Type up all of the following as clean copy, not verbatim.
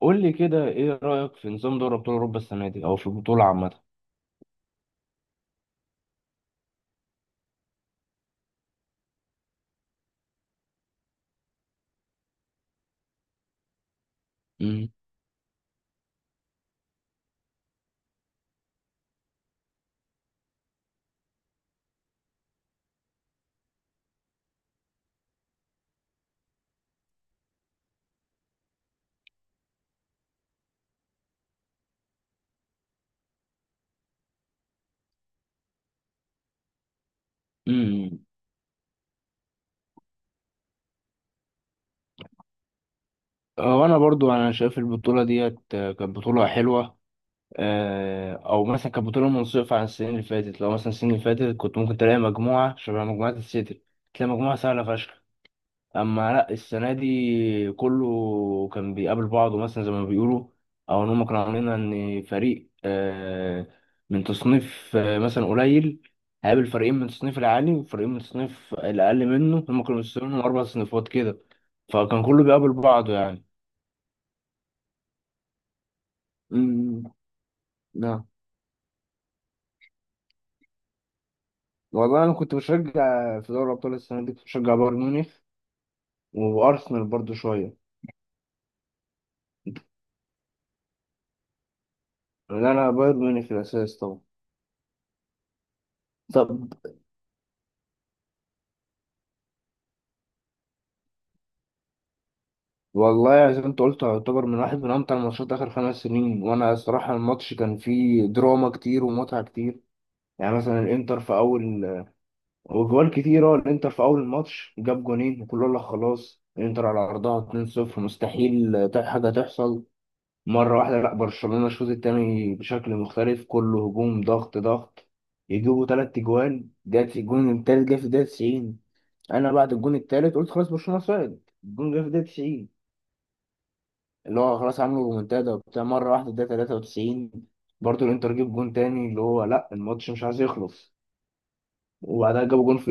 قول لي كده ايه رأيك في نظام دوري ابطال اوروبا السنة دي او في البطولة عامة؟ مم. امم. وانا برضو شايف البطولة ديت كانت بطولة حلوة. او مثلا كانت بطولة منصفة عن السنين اللي فاتت، لو مثلا السنين اللي فاتت كنت ممكن تلاقي مجموعة شبه مجموعة السيتي، تلاقي مجموعة سهلة فشخ. اما لا، السنه دي كله كان بيقابل بعضه، مثلا زي ما بيقولوا، او ان هم كانوا عاملين ان فريق من تصنيف مثلا قليل هيقابل فريقين من التصنيف العالي وفريقين من التصنيف الاقل منه. هم كانوا مستنيين اربع صنفات كده، فكان كله بيقابل بعضه يعني. امم. نعم. والله انا كنت بشجع في دوري الابطال السنه دي، كنت بشجع بايرن ميونخ وارسنال برضو شويه، لان انا بايرن ميونخ في الاساس طبعا. طب، والله يعني زي ما انت قلت، يعتبر من واحد من امتع الماتشات اخر 5 سنين. وانا الصراحه الماتش كان فيه دراما كتير ومتعه كتير. يعني مثلا الانتر في اول وجوال كتير. اه، الانتر في اول الماتش جاب جونين وكله قال لك خلاص الانتر على ارضها 2-0، مستحيل حاجه تحصل. مره واحده لا، برشلونه الشوط التاني بشكل مختلف، كله هجوم، ضغط ضغط، يجيبوا تلات اجوال. جت الجون التالت جه في الدقيقه 90. انا بعد الجون التالت قلت خلاص برشلونه صعد، الجون جه في الدقيقه 90، اللي هو خلاص عملوا رومنتادا وبتاع مرة واحدة ده 93. برضه الانتر جاب جون تاني، اللي هو لا، الماتش مش عايز يخلص. وبعدها جابوا جون في،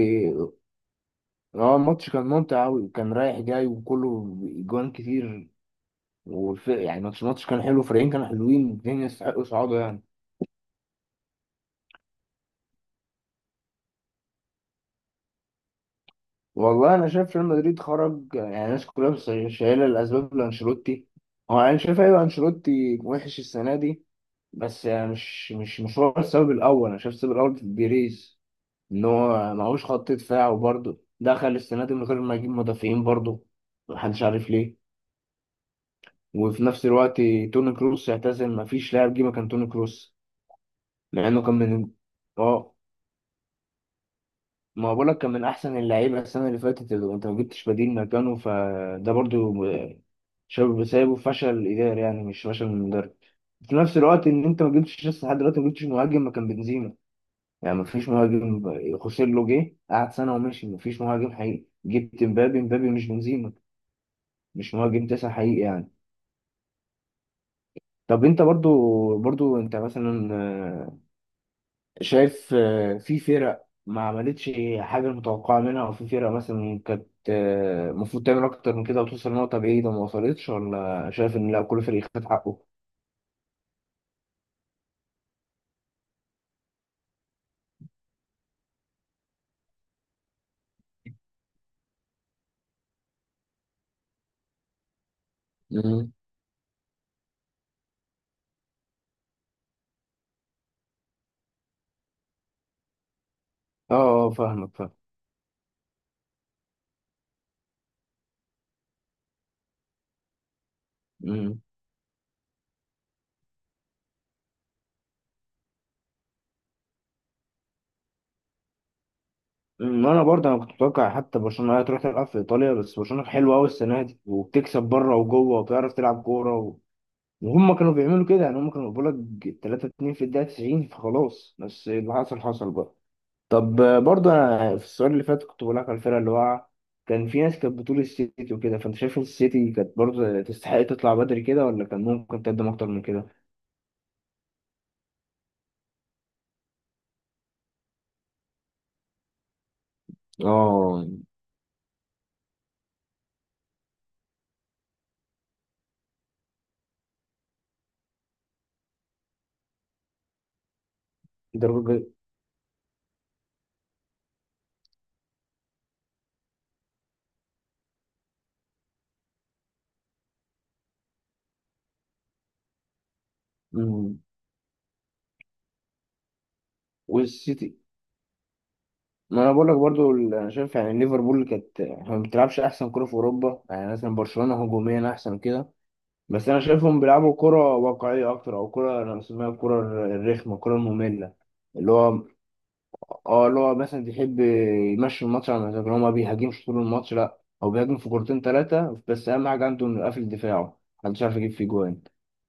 اه الماتش كان ممتع أوي، كان رايح جاي وكله جوان كتير. يعني الماتش كان حلو، فريقين كانوا حلوين الاتنين، يستحقوا صعودة يعني. والله انا شايف ريال مدريد خرج، يعني الناس كلها شايله الاسباب لانشيلوتي. هو انا شايف ايوه انشيلوتي وحش السنة دي، بس يعني مش هو السبب الاول. انا شايف السبب الاول في بيريز، ان هو معهوش خط دفاع وبرضه دخل السنه دي من غير ما يجيب مدافعين برضه. محدش عارف ليه. وفي نفس الوقت توني كروس اعتزل، مفيش لاعب جه مكان توني كروس، مع انه كان من، اه ما بقولك كان من احسن اللعيبه السنه اللي فاتت. اللي انت ما جبتش بديل مكانه، فده برضه شاب سايبه، فشل اداري، يعني مش فشل من مدرب. في نفس الوقت ان انت ما جبتش لسه لحد دلوقتي، ما جبتش مهاجم مكان بنزيما، يعني مفيش مهاجم. خوسيلو جه قعد سنة ومشي، مفيش مهاجم حقيقي. جبت مبابي، مبابي مش بنزيما، مش مهاجم تسعة حقيقي يعني. طب انت برضو مثلا شايف في فرق ما عملتش حاجة متوقعة منها، وفي فرق مثلا كانت المفروض تعمل أكتر من كده وتوصل نقطة بعيدة ما وصلتش، ولا شايف إن لا كل فريق خد حقه؟ مم. اه. اه فاهمك، فاهم. مم. ما انا برضه كنت متوقع حتى برشلونه هي تروح تلعب في ايطاليا، بس برشلونه حلوه قوي السنه دي، وبتكسب بره وجوه، وبتعرف تلعب كوره وهم كانوا بيعملوا كده. يعني هم كانوا بيقول لك 3-2 في الدقيقه 90، فخلاص. بس اللي حصل حصل بقى. طب، برضه انا في السؤال اللي فات كنت بقول لك على الفرقه اللي واقعه، كان في ناس كانت بتقول السيتي وكده. فانت شايف السيتي كانت برضه تستحق تطلع بدري كده، ولا كان ممكن تقدم اكتر من كده؟ اه. درجه. مم. والسيتي، ما انا بقول لك برضو انا شايف يعني ليفربول كانت ما بتلعبش احسن كرة في اوروبا. يعني مثلا برشلونة هجوميا احسن كده، بس انا شايفهم بيلعبوا كرة واقعية اكتر، او كرة انا بسميها الكرة الرخمة، الكرة المملة. اللي هو، اه اللي هو مثلا بيحب يمشي الماتش على مزاجه، هو ما بيهاجمش طول الماتش، لا هو بيهاجم في كورتين ثلاثة، بس أهم حاجة عنده إنه قافل دفاعه محدش عارف يجيب فيه جوان.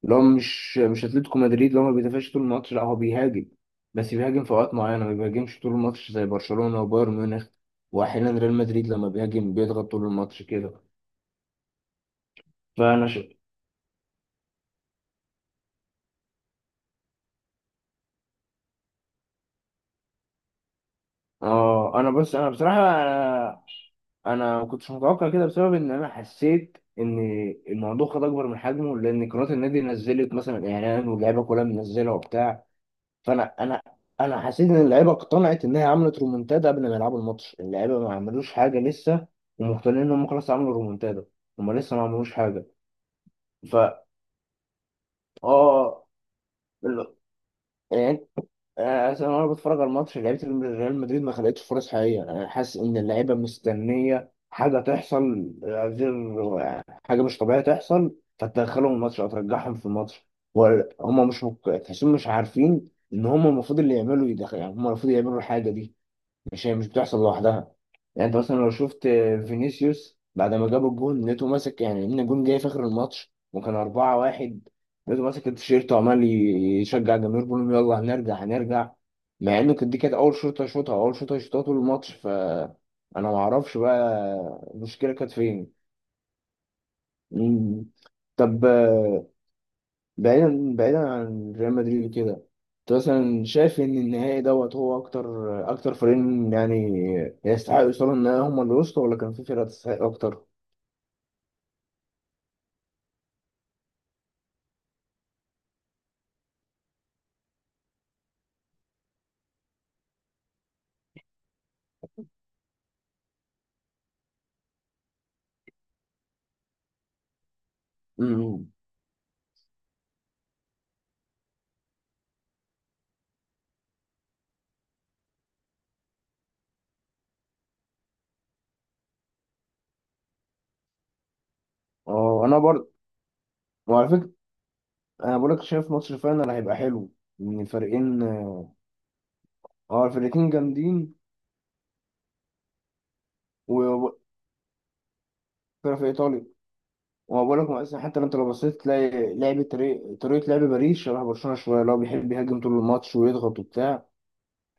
اللي هو مش أتلتيكو مدريد اللي هو ما بيدافعش طول الماتش، لا هو بيهاجم، بس بيهاجم في أوقات معينة، ما بيهاجمش طول الماتش زي برشلونة وبايرن ميونخ. وأحيانا ريال مدريد لما بيهاجم بيضغط طول الماتش كده. فأنا ش... اه أنا بص، أنا بصراحة انا ما كنتش متوقع كده، بسبب ان انا حسيت ان الموضوع خد اكبر من حجمه، لان قناه النادي نزلت مثلا اعلان واللعيبه كلها منزله وبتاع. فانا انا انا حسيت ان اللعيبه اقتنعت انها عملت رومنتادا قبل ما يلعبوا الماتش. اللعيبه ما عملوش حاجه لسه، ومقتنعين ان هم خلاص عملوا رومنتادا، هم لسه ما عملوش حاجه. فا اه ال- يعني، أصل أنا وأنا بتفرج على الماتش لعيبة ريال مدريد ما خلقتش فرص حقيقية. أنا حاسس إن اللعيبة مستنية حاجة تحصل غير حاجة مش طبيعية تحصل فتدخلهم الماتش أو ترجعهم في الماتش. ولا هم مش مك... تحسهم مش عارفين إن هم المفروض اللي يعملوا يدخل، يعني هم المفروض يعملوا الحاجة دي، مش هي مش بتحصل لوحدها. يعني انت مثلا لو شفت فينيسيوس بعد ما جاب الجون لقيته ماسك، يعني ان الجون جاي في اخر الماتش وكان 4-1، لقيته ماسك التيشيرت وعمال يشجع الجماهير بيقول لهم يلا هنرجع هنرجع، مع انه كانت دي كانت اول شوطه يشوطها طول الماتش. انا ما اعرفش بقى المشكله كانت فين. مم. طب، بعيدا بعيدا عن ريال مدريد وكده، انت مثلا شايف ان النهائي دوت هو اكتر فريقين يعني يستحقوا يوصلوا النهائي هم اللي وصلوا، ولا كان في فرقة تستحق اكتر؟ امم. اه انا برضه، وعلى فكرة انا بقولك، شايف ماتش الفاينل هيبقى حلو، ان الفريقين، اه الفريقين جامدين، وفرقة في ايطاليا. وأنا بقول لك مثلا، حتى لو انت لو بصيت تلاقي لعب، طريقة لعب باريس شبه برشلونة شوية، اللي هو بيحب يهاجم طول الماتش ويضغط وبتاع.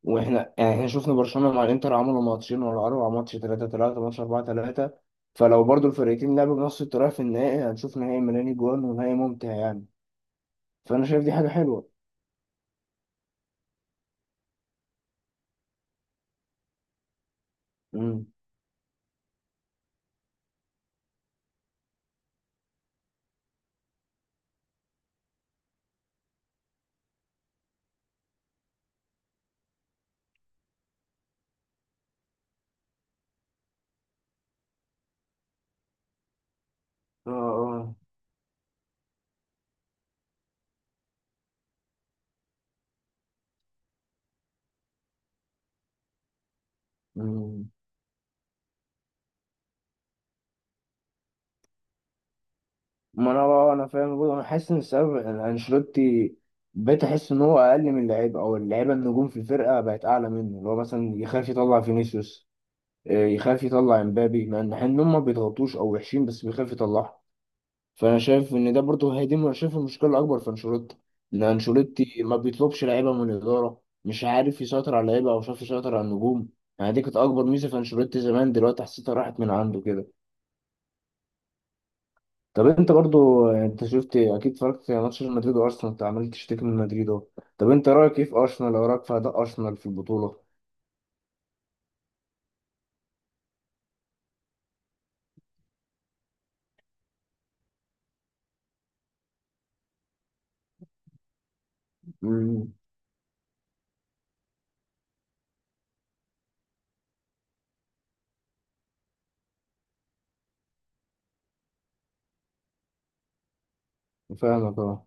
واحنا يعني احنا شفنا برشلونة مع الانتر عملوا ماتشين ورا بعض، ماتش 3-3 ماتش 4-3. فلو برضو الفرقتين لعبوا بنفس الطريقة في النهائي هنشوف نهائي ملاني جوان ونهائي ممتع يعني. فانا شايف دي حاجة حلوة. امم. اه. اه. امم. ما انا بقى انا فاهم برضو، انا حاسس ان السبب ان انشيلوتي، بقيت احس ان هو اقل من اللعيبه، او اللعيبه النجوم في الفرقه بقت اعلى منه، اللي هو مثلا يخاف يطلع فينيسيوس، يخاف يطلع امبابي، مع ان إن هم ما بيضغطوش او وحشين، بس بيخاف يطلعهم. فانا شايف ان ده برضه هي دي، أنا شايف المشكله الاكبر في انشيلوتي، ان انشيلوتي ما بيطلبش لعيبه من الاداره، مش عارف يسيطر على اللعيبه، او شاف يسيطر على النجوم. يعني دي كانت اكبر ميزه في انشيلوتي زمان، دلوقتي حسيتها راحت من عنده كده. طب انت برضه، انت شفت اكيد اتفرجت على ماتش مدريد وارسنال، انت عمال تشتكي من مدريد اهو. طب انت رايك ايه في ارسنال، او رايك في اداء ارسنال في البطوله؟ امم. فاهمك اه.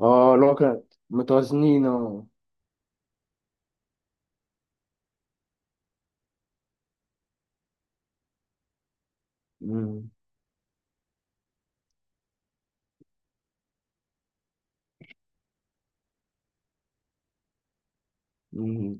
اه لو كانت متوازنين اه. أمم. أمم.